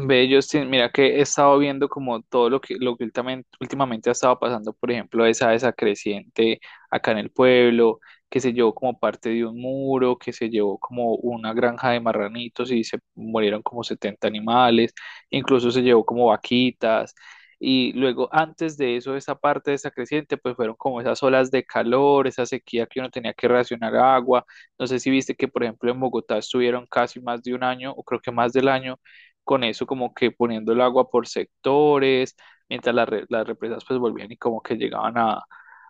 Ve, Justin, mira que he estado viendo como todo lo que últimamente ha estado pasando, por ejemplo, esa creciente acá en el pueblo, que se llevó como parte de un muro, que se llevó como una granja de marranitos y se murieron como 70 animales, incluso se llevó como vaquitas. Y luego, antes de eso, esa parte de esa creciente, pues fueron como esas olas de calor, esa sequía que uno tenía que racionar agua. No sé si viste que, por ejemplo, en Bogotá estuvieron casi más de un año, o creo que más del año con eso como que poniendo el agua por sectores, mientras las represas pues volvían y como que llegaban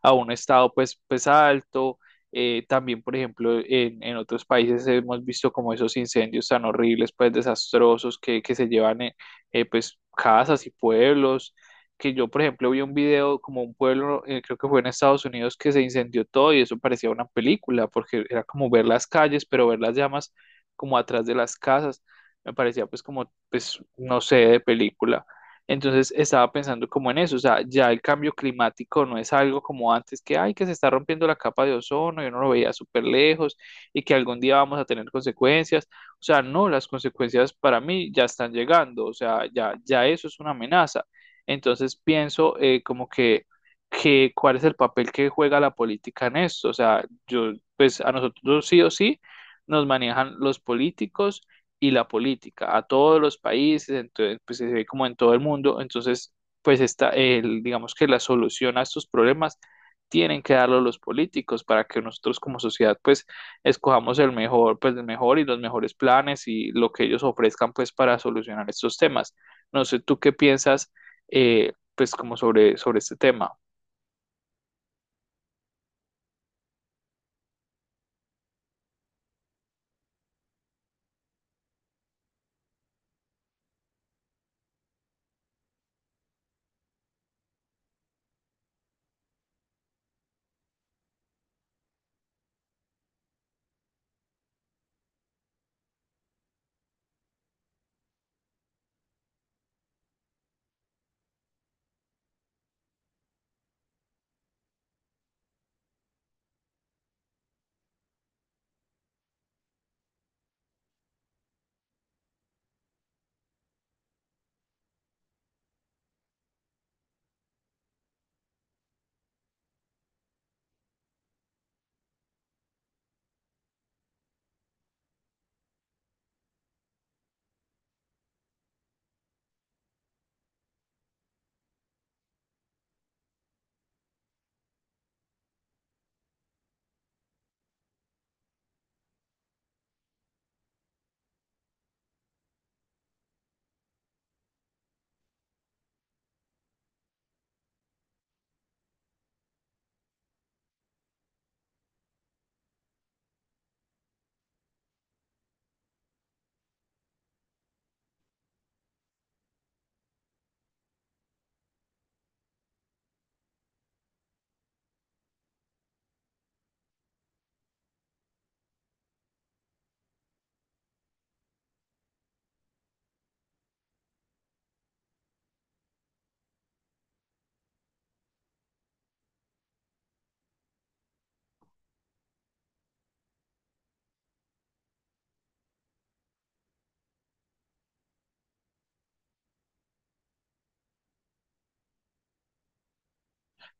a un estado pues alto. También, por ejemplo, en otros países hemos visto como esos incendios tan horribles, pues desastrosos que se llevan pues casas y pueblos. Que yo, por ejemplo, vi un video como un pueblo, creo que fue en Estados Unidos, que se incendió todo y eso parecía una película, porque era como ver las calles, pero ver las llamas como atrás de las casas. Me parecía pues como pues, no sé, de película. Entonces estaba pensando como en eso, o sea, ya el cambio climático no es algo como antes que, ay, que se está rompiendo la capa de ozono, yo no lo veía súper lejos y que algún día vamos a tener consecuencias. O sea, no, las consecuencias para mí ya están llegando, o sea, ya, ya eso es una amenaza. Entonces pienso como que cuál es el papel que juega la política en esto. O sea, yo, pues a nosotros sí o sí nos manejan los políticos y la política a todos los países, entonces, pues se ve como en todo el mundo, entonces, pues está, el, digamos que la solución a estos problemas tienen que darlo los políticos para que nosotros como sociedad pues escojamos el mejor, pues el mejor y los mejores planes y lo que ellos ofrezcan pues para solucionar estos temas. No sé, ¿tú qué piensas pues como sobre este tema?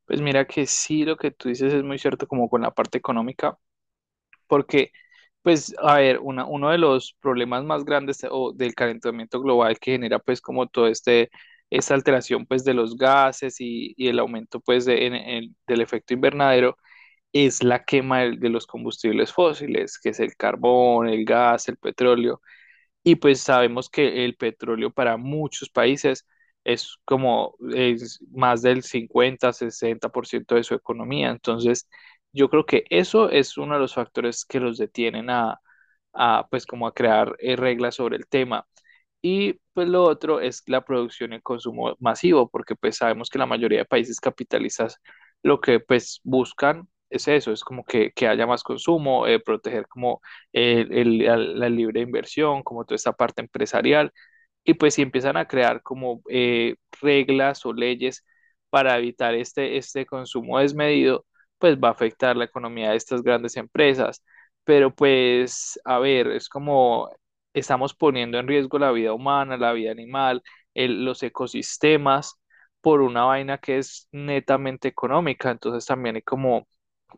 Pues mira que sí, lo que tú dices es muy cierto como con la parte económica. Porque, pues, a ver, uno de los problemas más grandes o del calentamiento global que genera, pues, como todo este, esta alteración, pues, de los gases y el aumento, pues, del efecto invernadero, es la quema de los combustibles fósiles, que es el carbón, el gas, el petróleo. Y pues sabemos que el petróleo para muchos países es como es más del 50-60% de su economía. Entonces, yo creo que eso es uno de los factores que los detienen a, pues como a crear reglas sobre el tema. Y pues lo otro es la producción en consumo masivo, porque pues sabemos que la mayoría de países capitalistas lo que pues buscan es eso, es como que haya más consumo, proteger como la libre inversión, como toda esta parte empresarial, y pues si empiezan a crear como reglas o leyes para evitar este consumo desmedido, pues va a afectar la economía de estas grandes empresas. Pero pues, a ver, es como estamos poniendo en riesgo la vida humana, la vida animal, los ecosistemas, por una vaina que es netamente económica. Entonces también hay como,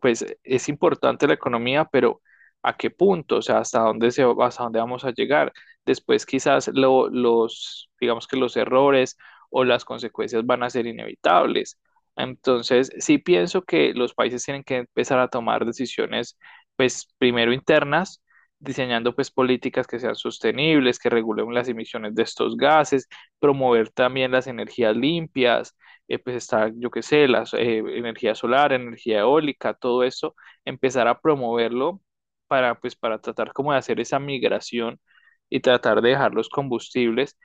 pues es importante la economía, pero ¿a qué punto? O sea, ¿hasta dónde vamos a llegar? Después quizás los, digamos que los errores o las consecuencias van a ser inevitables. Entonces, sí pienso que los países tienen que empezar a tomar decisiones, pues primero internas, diseñando pues políticas que sean sostenibles, que regulen las emisiones de estos gases, promover también las energías limpias, pues está, yo qué sé, la energía solar, energía eólica, todo eso, empezar a promoverlo para pues para tratar como de hacer esa migración y tratar de dejar los combustibles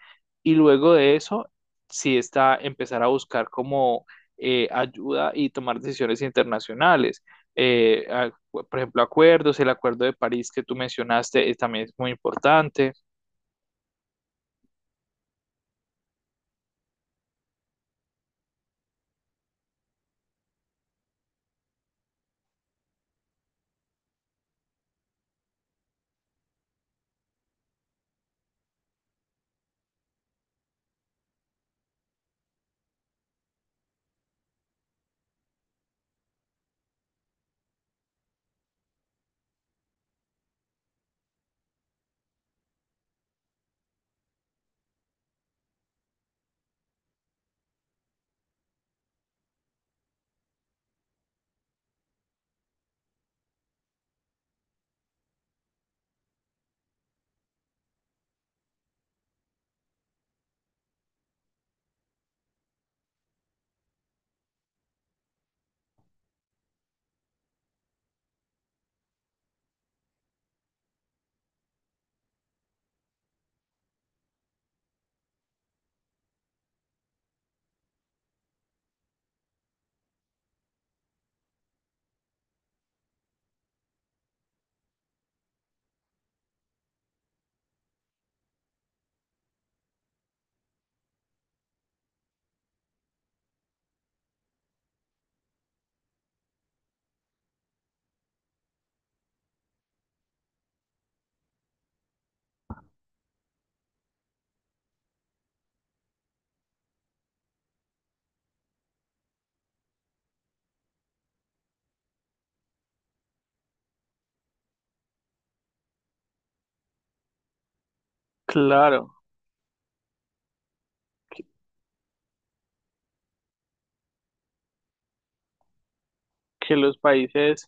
y luego de eso sí está empezar a buscar como ayuda y tomar decisiones internacionales. Por ejemplo, acuerdos, el acuerdo de París que tú mencionaste también es muy importante. Claro, que, que los países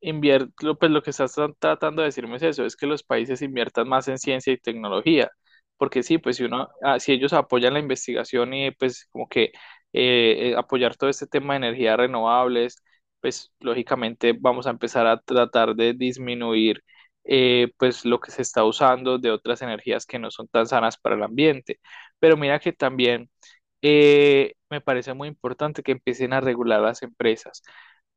pues lo que estás tratando de decirme es eso, es que los países inviertan más en ciencia y tecnología, porque sí, pues si ellos apoyan la investigación y pues como que apoyar todo este tema de energías renovables, pues lógicamente vamos a empezar a tratar de disminuir pues lo que se está usando de otras energías que no son tan sanas para el ambiente. Pero mira que también me parece muy importante que empiecen a regular las empresas,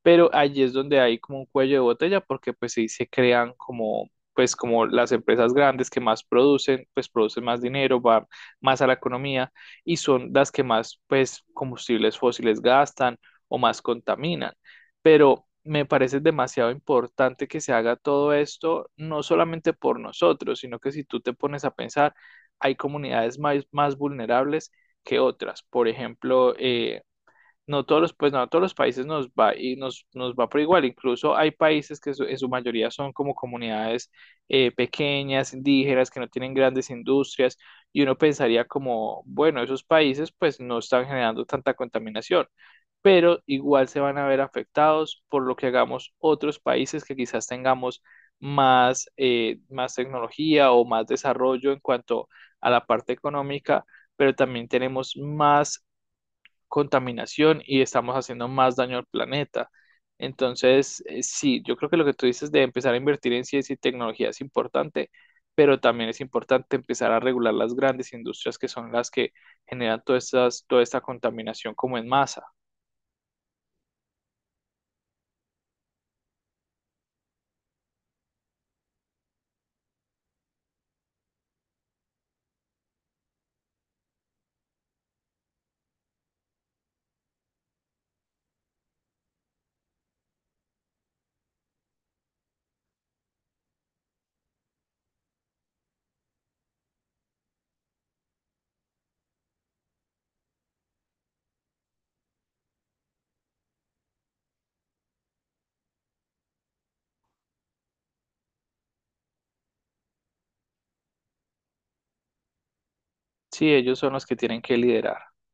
pero allí es donde hay como un cuello de botella porque pues sí se crean como pues como las empresas grandes que más producen, pues producen más dinero, van más a la economía y son las que más pues combustibles fósiles gastan o más contaminan. Pero me parece demasiado importante que se haga todo esto, no solamente por nosotros, sino que si tú te pones a pensar, hay comunidades más, más vulnerables que otras. Por ejemplo, no todos los, pues no, a todos los países nos va y nos va por igual. Incluso hay países que en su mayoría son como comunidades pequeñas, indígenas, que no tienen grandes industrias, y uno pensaría como, bueno, esos países pues no están generando tanta contaminación, pero igual se van a ver afectados por lo que hagamos otros países que quizás tengamos más tecnología o más desarrollo en cuanto a la parte económica, pero también tenemos más contaminación y estamos haciendo más daño al planeta. Entonces, sí, yo creo que lo que tú dices de empezar a invertir en ciencia y tecnología es importante, pero también es importante empezar a regular las grandes industrias que son las que generan todas toda esta contaminación como en masa. Sí, ellos son los que tienen que liderar.